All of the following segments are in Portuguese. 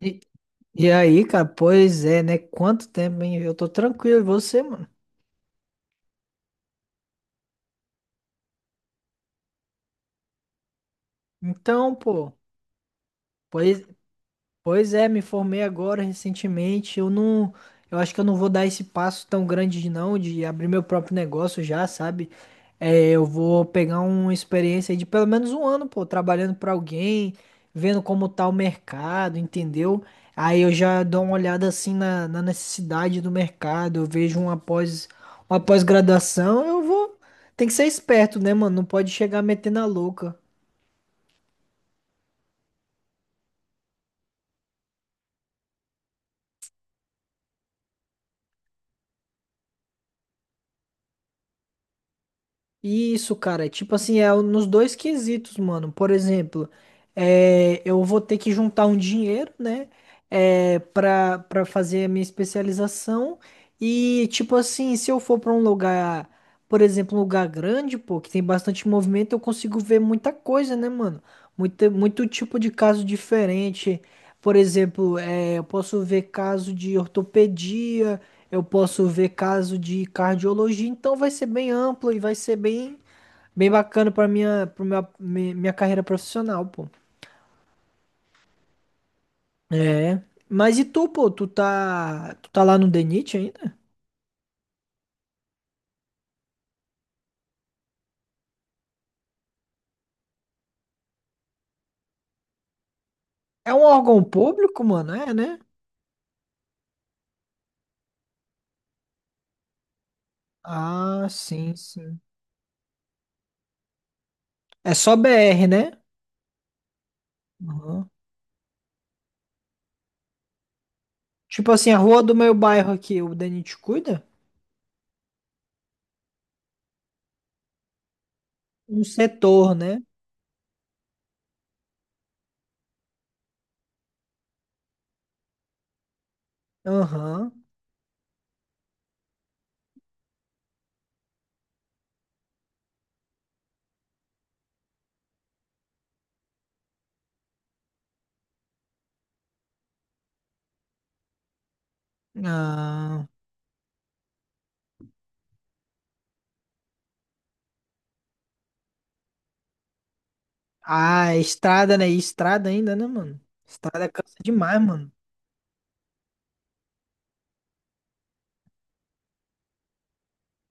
E, e aí, cara, pois é, né? Quanto tempo, hein? Eu tô tranquilo, e você, mano? Então, pô, pois Pois é, me formei agora recentemente. Eu acho que eu não vou dar esse passo tão grande de não, de abrir meu próprio negócio já, sabe? É, eu vou pegar uma experiência aí de pelo menos um ano, pô, trabalhando para alguém, vendo como tá o mercado, entendeu? Aí eu já dou uma olhada assim na necessidade do mercado, eu vejo uma pós, uma pós-graduação, eu vou. Tem que ser esperto, né, mano? Não pode chegar metendo a louca. Isso, cara, é tipo assim, é nos dois quesitos, mano. Por exemplo, é, eu vou ter que juntar um dinheiro, né? É, pra fazer a minha especialização. E, tipo assim, se eu for pra um lugar, por exemplo, um lugar grande, pô, que tem bastante movimento, eu consigo ver muita coisa, né, mano? Muito, muito tipo de caso diferente. Por exemplo, é, eu posso ver caso de ortopedia. Eu posso ver caso de cardiologia, então vai ser bem amplo e vai ser bem, bem bacana para minha carreira profissional, pô. É. Mas e tu, pô? Tu tá lá no DENIT ainda? É um órgão público, mano? É, né? Ah, sim, sim. É só BR, né? Aham. Tipo assim, a rua do meu bairro aqui, o DENIT cuida? Um setor, né? Aham. Ah, ah, é estrada, né? E estrada ainda, né, mano? Estrada cansa demais, mano.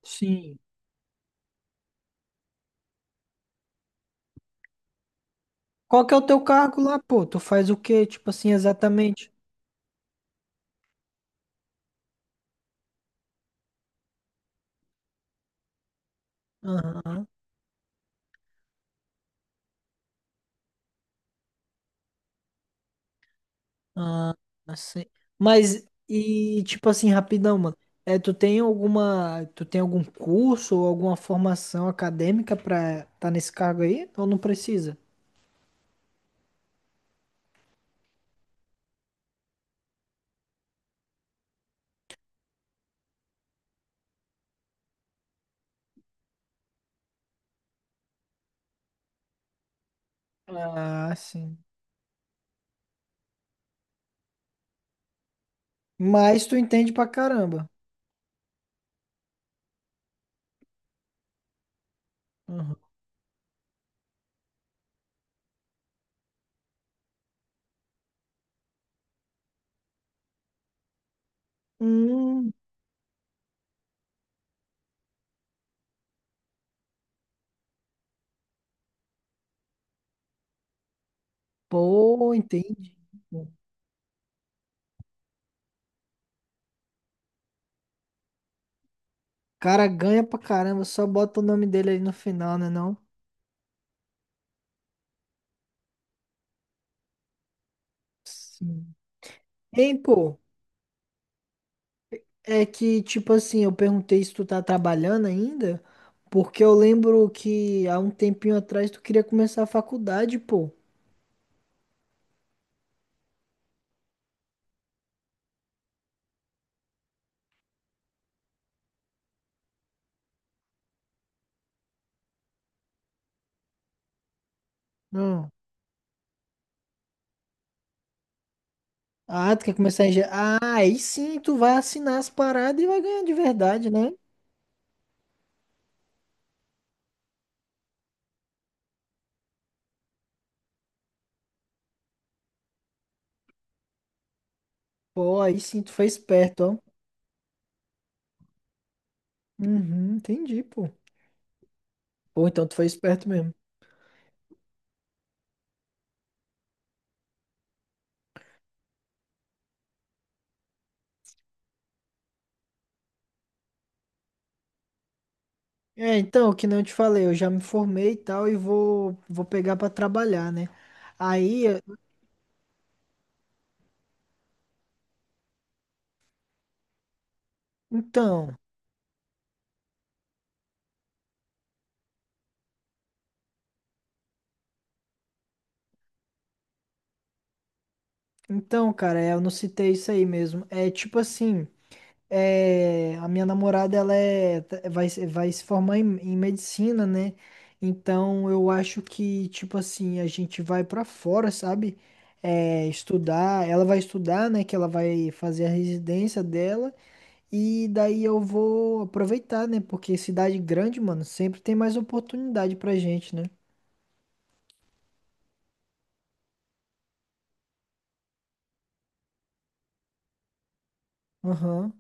Sim. Qual que é o teu cargo lá, pô? Tu faz o quê, tipo assim, exatamente? Aham. Ah, assim. Mas, e tipo assim, rapidão, mano. É, tu tem algum curso ou alguma formação acadêmica pra tá nesse cargo aí? Ou não precisa? Ah, sim. Mas tu entende pra caramba. Aham. Hum, pô, entendi. O cara ganha pra caramba, só bota o nome dele aí no final, né não? Sim. Hein, pô? É que, tipo assim, eu perguntei se tu tá trabalhando ainda, porque eu lembro que há um tempinho atrás tu queria começar a faculdade, pô. Hum. Ah, tu quer começar a engen... Ah, aí sim tu vai assinar as paradas e vai ganhar de verdade, né? Pô, aí sim tu foi esperto, ó. Uhum, entendi, pô. Pô, então tu foi esperto mesmo. É, então, que nem eu te falei, eu já me formei e tal e vou pegar pra trabalhar, né? Aí, então, então, cara, é, eu não citei isso aí mesmo. É tipo assim. É, a minha namorada ela vai se formar em, em medicina, né? Então eu acho que, tipo assim, a gente vai pra fora, sabe? É, estudar, ela vai estudar, né? Que ela vai fazer a residência dela, e daí eu vou aproveitar, né? Porque cidade grande, mano, sempre tem mais oportunidade pra gente, né? Aham,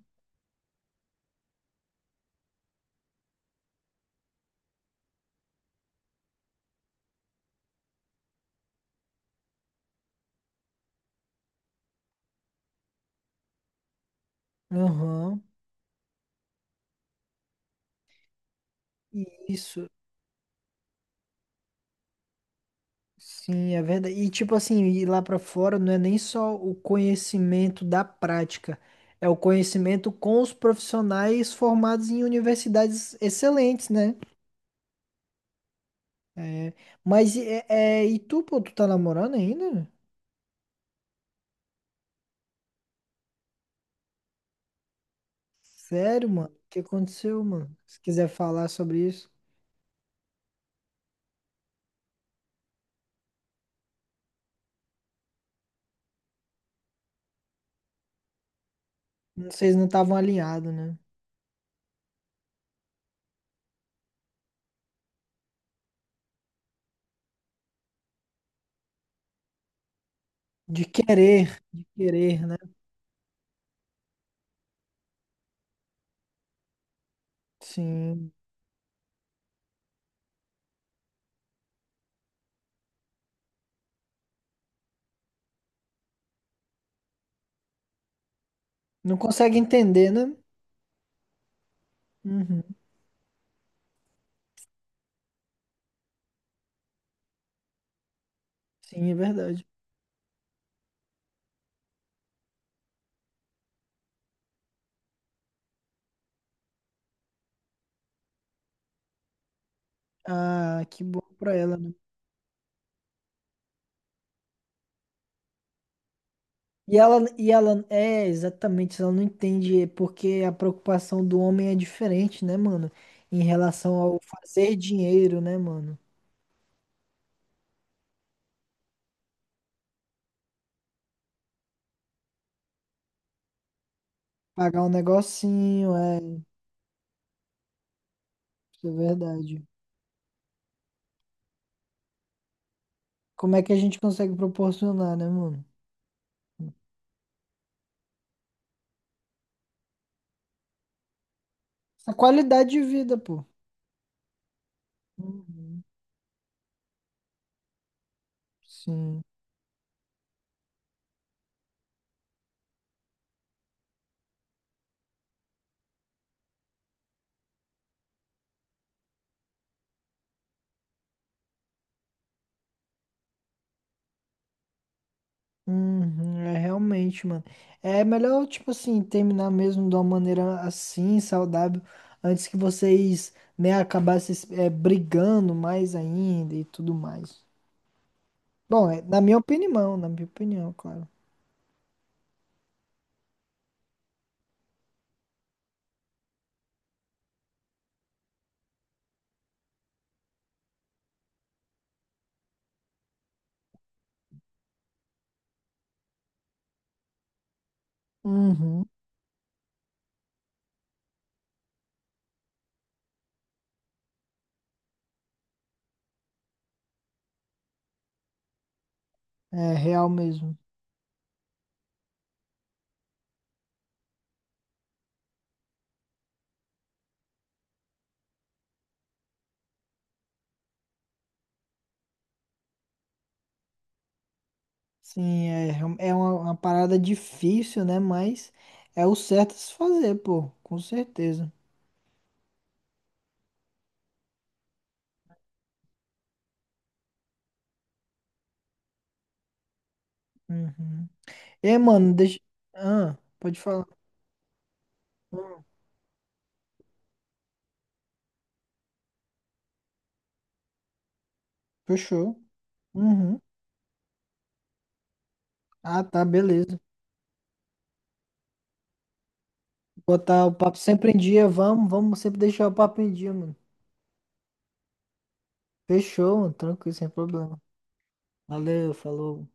aham. Isso. Sim, é verdade. E tipo assim, ir lá pra fora não é nem só o conhecimento da prática, é o conhecimento com os profissionais formados em universidades excelentes, né? É, mas e- é, e tu, pô, tu tá namorando ainda? Sério, mano? O que aconteceu, mano? Se quiser falar sobre isso. Não- vocês não estavam alinhados, né? De querer, né? Sim. Não consegue entender, né? Uhum. Sim, é verdade. Ah, que bom pra ela, né? E ela, é, exatamente, ela não entende porque a preocupação do homem é diferente, né, mano? Em relação ao fazer dinheiro, né, mano? Pagar um negocinho, é, isso é verdade. Como é que a gente consegue proporcionar, né, mano? A qualidade de vida, pô. Uhum, sim. Uhum, é realmente, mano. É melhor, tipo assim, terminar mesmo de uma maneira assim, saudável, antes que vocês, né, acabassem, é, brigando mais ainda e tudo mais. Bom, é- na minha opinião, claro. Uhum. É real mesmo. Sim, é, real- é uma parada difícil, né? Mas é o certo a se fazer, pô, com certeza. Uhum. E, mano, deixa. Ah, pode falar. Hum. Fechou. Uhum. Ah, tá, beleza. Botar o papo sempre em dia, vamos sempre deixar o papo em dia, mano. Fechou, mano, tranquilo, sem problema. Valeu, falou.